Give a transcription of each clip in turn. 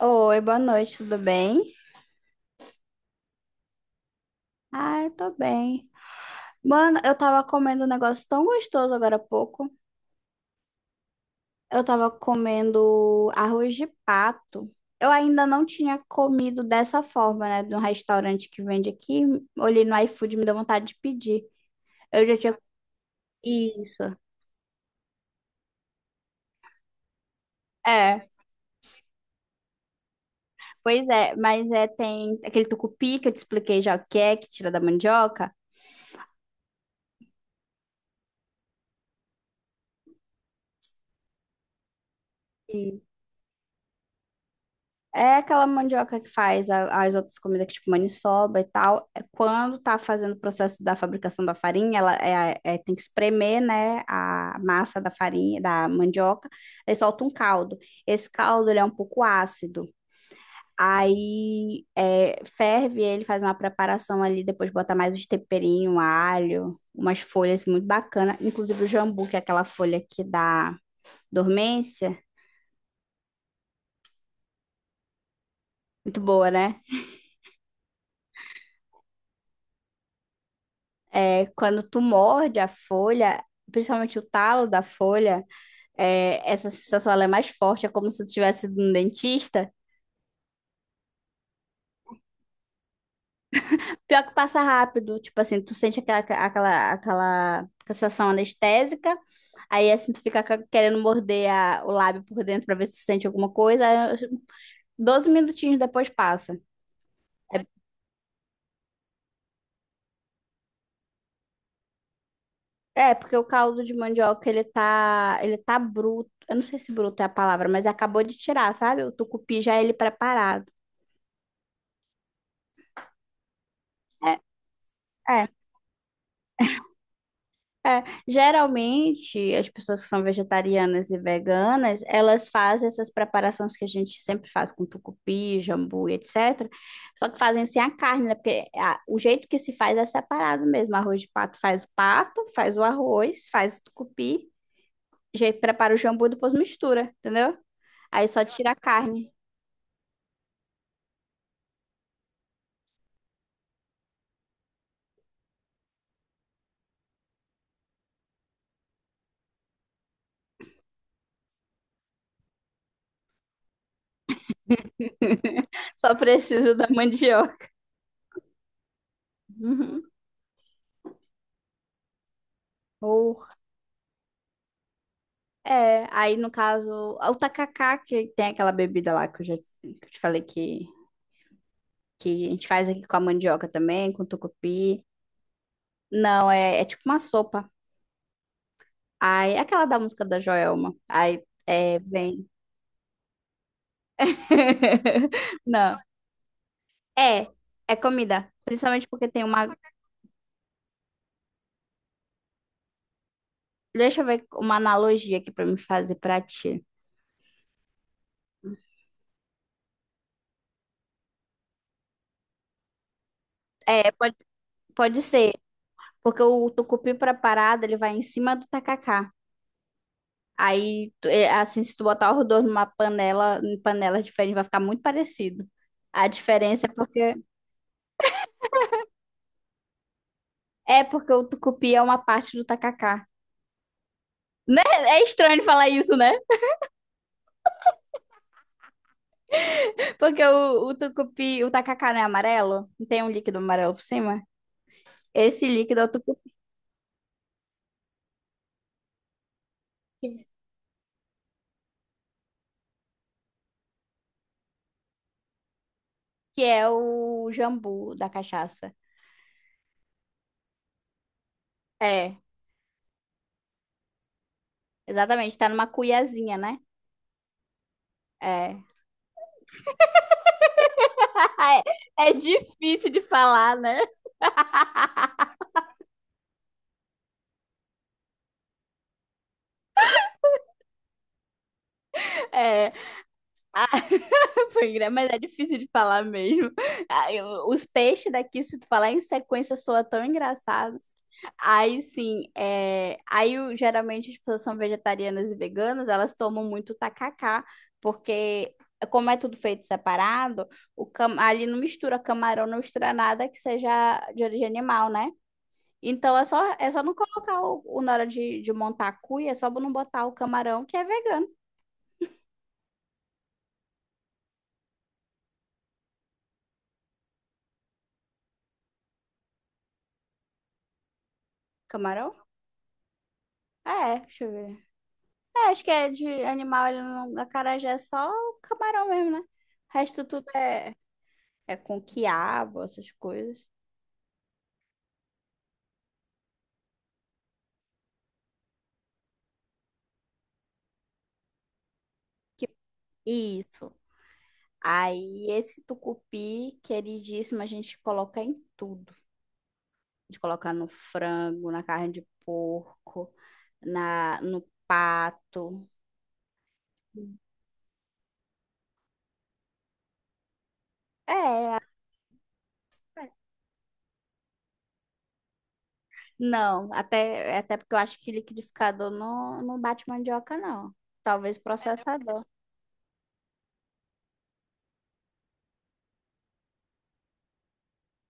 Oi, boa noite, tudo bem? Ah, eu tô bem. Mano, eu tava comendo um negócio tão gostoso agora há pouco. Eu tava comendo arroz de pato. Eu ainda não tinha comido dessa forma, né? De um restaurante que vende aqui. Olhei no iFood, me deu vontade de pedir. Eu já tinha. Isso. É, pois é, mas é, tem aquele tucupi que eu te expliquei já o que é, que tira da mandioca. É aquela mandioca que faz as outras comidas, que tipo maniçoba e tal. É. Quando tá fazendo o processo da fabricação da farinha, ela tem que espremer, né, a massa da farinha, da mandioca, aí solta um caldo. Esse caldo, ele é um pouco ácido. Aí é, ferve ele, faz uma preparação ali, depois bota mais uns temperinhos, alho, umas folhas assim, muito bacana. Inclusive o jambu, que é aquela folha que dá dormência. Muito boa, né? É, quando tu morde a folha, principalmente o talo da folha, é, essa sensação ela é mais forte, é como se tu tivesse ido no dentista. Pior que passa rápido, tipo assim, tu sente aquela sensação anestésica, aí assim tu fica querendo morder o lábio por dentro pra ver se sente alguma coisa, aí, 12 minutinhos depois passa. Porque o caldo de mandioca ele tá bruto. Eu não sei se bruto é a palavra, mas acabou de tirar, sabe? O tucupi já é ele preparado. É, é, Geralmente, as pessoas que são vegetarianas e veganas, elas fazem essas preparações que a gente sempre faz com tucupi, jambu e etc. Só que fazem sem a carne, né? Porque o jeito que se faz é separado mesmo. Arroz de pato, faz o arroz, faz o tucupi, já prepara o jambu e depois mistura, entendeu? Aí só tira a carne. Só precisa da mandioca. Uhum. É, aí no caso, o tacacá, que tem aquela bebida lá que eu te falei que a gente faz aqui com a mandioca também, com tucupi. Não, é tipo uma sopa. Aí, é aquela da música da Joelma. Aí, é, vem. Não, é, é comida. Principalmente porque tem uma. Deixa eu ver uma analogia aqui pra me fazer pra ti. É, pode ser. Porque o tucupi preparado, ele vai em cima do tacacá. Aí, é, assim, se tu botar os dois numa panela, em panelas diferentes, vai ficar muito parecido. A diferença é porque o tucupi é uma parte do tacacá. Né? É estranho falar isso, né? Porque o tucupi, o tacacá não é amarelo? Não tem um líquido amarelo por cima? Esse líquido é o tucupi, que é o jambu da cachaça. É, exatamente, tá numa cuiazinha, né? É. É difícil de falar, né? É. Mas é difícil de falar mesmo. Ah, os peixes daqui, se tu falar em sequência, soa tão engraçado. Aí sim, geralmente as pessoas são vegetarianas e veganas, elas tomam muito tacacá, porque como é tudo feito separado, ali não mistura camarão, não mistura nada que seja de origem animal, né? Então é só não colocar na hora de montar a cuia, é só não botar o camarão que é vegano. Camarão? É, deixa eu ver. É, acho que é de animal, ele não, acarajé é só o camarão mesmo, né? O resto tudo é, é com quiabo, essas coisas. Que- Isso. Aí esse tucupi, queridíssimo, a gente coloca em tudo. A gente coloca no frango, na carne de porco, na, no pato. É, não, é até porque eu acho que liquidificador não bate mandioca, não. Talvez processador.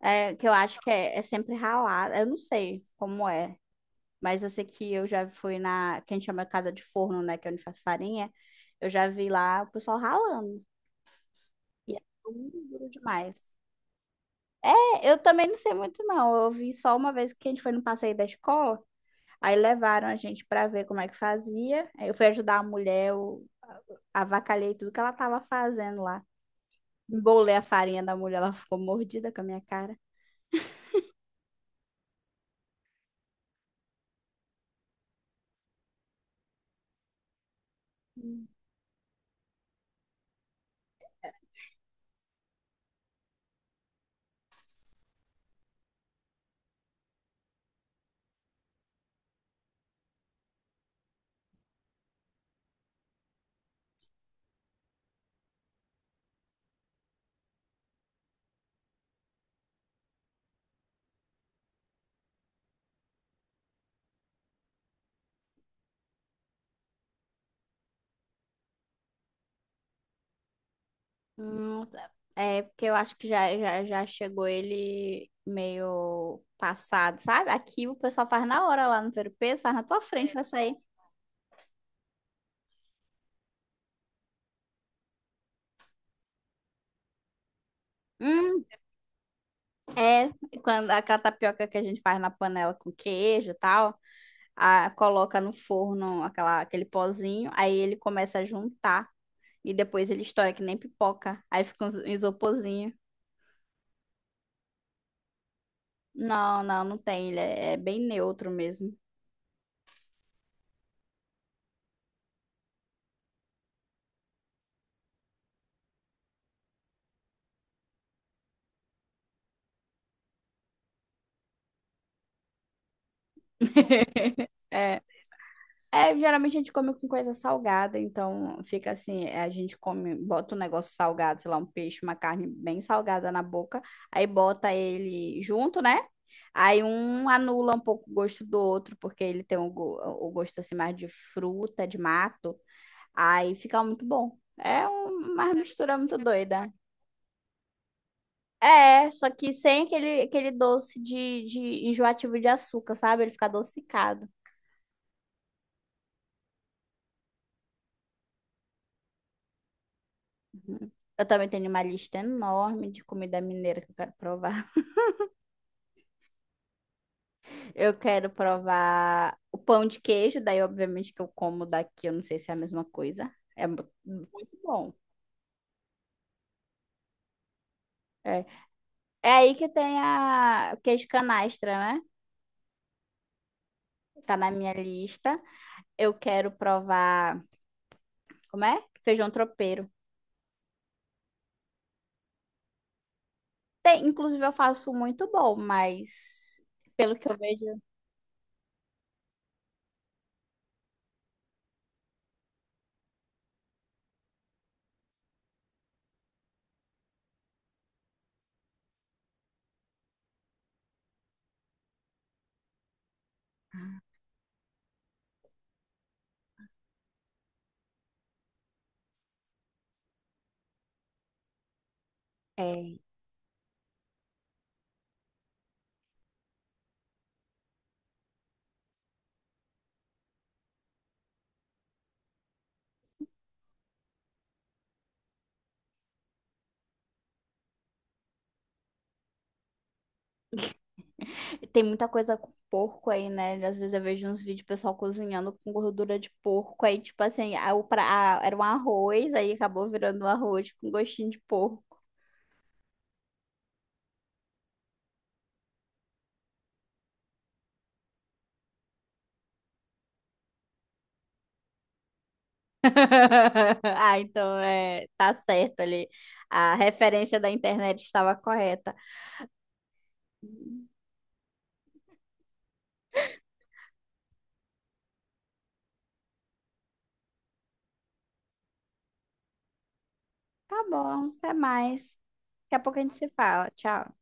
É, que eu acho que é, é sempre ralado. Eu não sei como é, mas eu sei que eu já fui na, que a gente chama casa de forno, né, que é onde faz farinha. Eu já vi lá o pessoal ralando. E é duro demais. É, eu também não sei muito não. Eu vi só uma vez que a gente foi no passeio da escola, aí levaram a gente para ver como é que fazia. Aí eu fui ajudar a mulher, eu avacalhei tudo que ela tava fazendo lá. Embolei a farinha da mulher, ela ficou mordida com a minha cara. Nossa. É, porque eu acho que já chegou ele meio passado, sabe? Aqui o pessoal faz na hora lá no Ver-o-Peso, faz na tua frente, vai sair. Hum, É, quando aquela tapioca que a gente faz na panela com queijo e tal, a, coloca no forno aquela, aquele pozinho, aí ele começa a juntar e depois ele estoura que nem pipoca, aí fica um isoporzinho. Não tem, ele é bem neutro mesmo. É, Geralmente a gente come com coisa salgada, então fica assim, é, a gente come, bota um negócio salgado, sei lá, um peixe, uma carne bem salgada na boca, aí bota ele junto, né? Aí um anula um pouco o gosto do outro, porque ele tem o gosto assim mais de fruta, de mato, aí fica muito bom. Uma mistura muito doida. É, só que sem aquele, aquele doce de enjoativo de açúcar, sabe? Ele fica adocicado. Uhum. Eu também tenho uma lista enorme de comida mineira que eu quero provar. Eu quero provar o pão de queijo, daí obviamente que eu como daqui, eu não sei se é a mesma coisa. É muito bom. É, é, aí que tem a o queijo canastra, né? Tá na minha lista. Eu quero provar, como é? Feijão tropeiro. Tem, inclusive eu faço muito bom, mas pelo que eu vejo, é. Tem muita coisa com porco aí, né? Às vezes eu vejo uns vídeos pessoal cozinhando com gordura de porco. Aí, tipo assim, a, o pra, a- era um arroz, aí acabou virando um arroz com gostinho de porco. Ah, então é, tá certo ali. A referência da internet estava correta. Tá bom, até mais. Daqui a pouco a gente se fala. Tchau.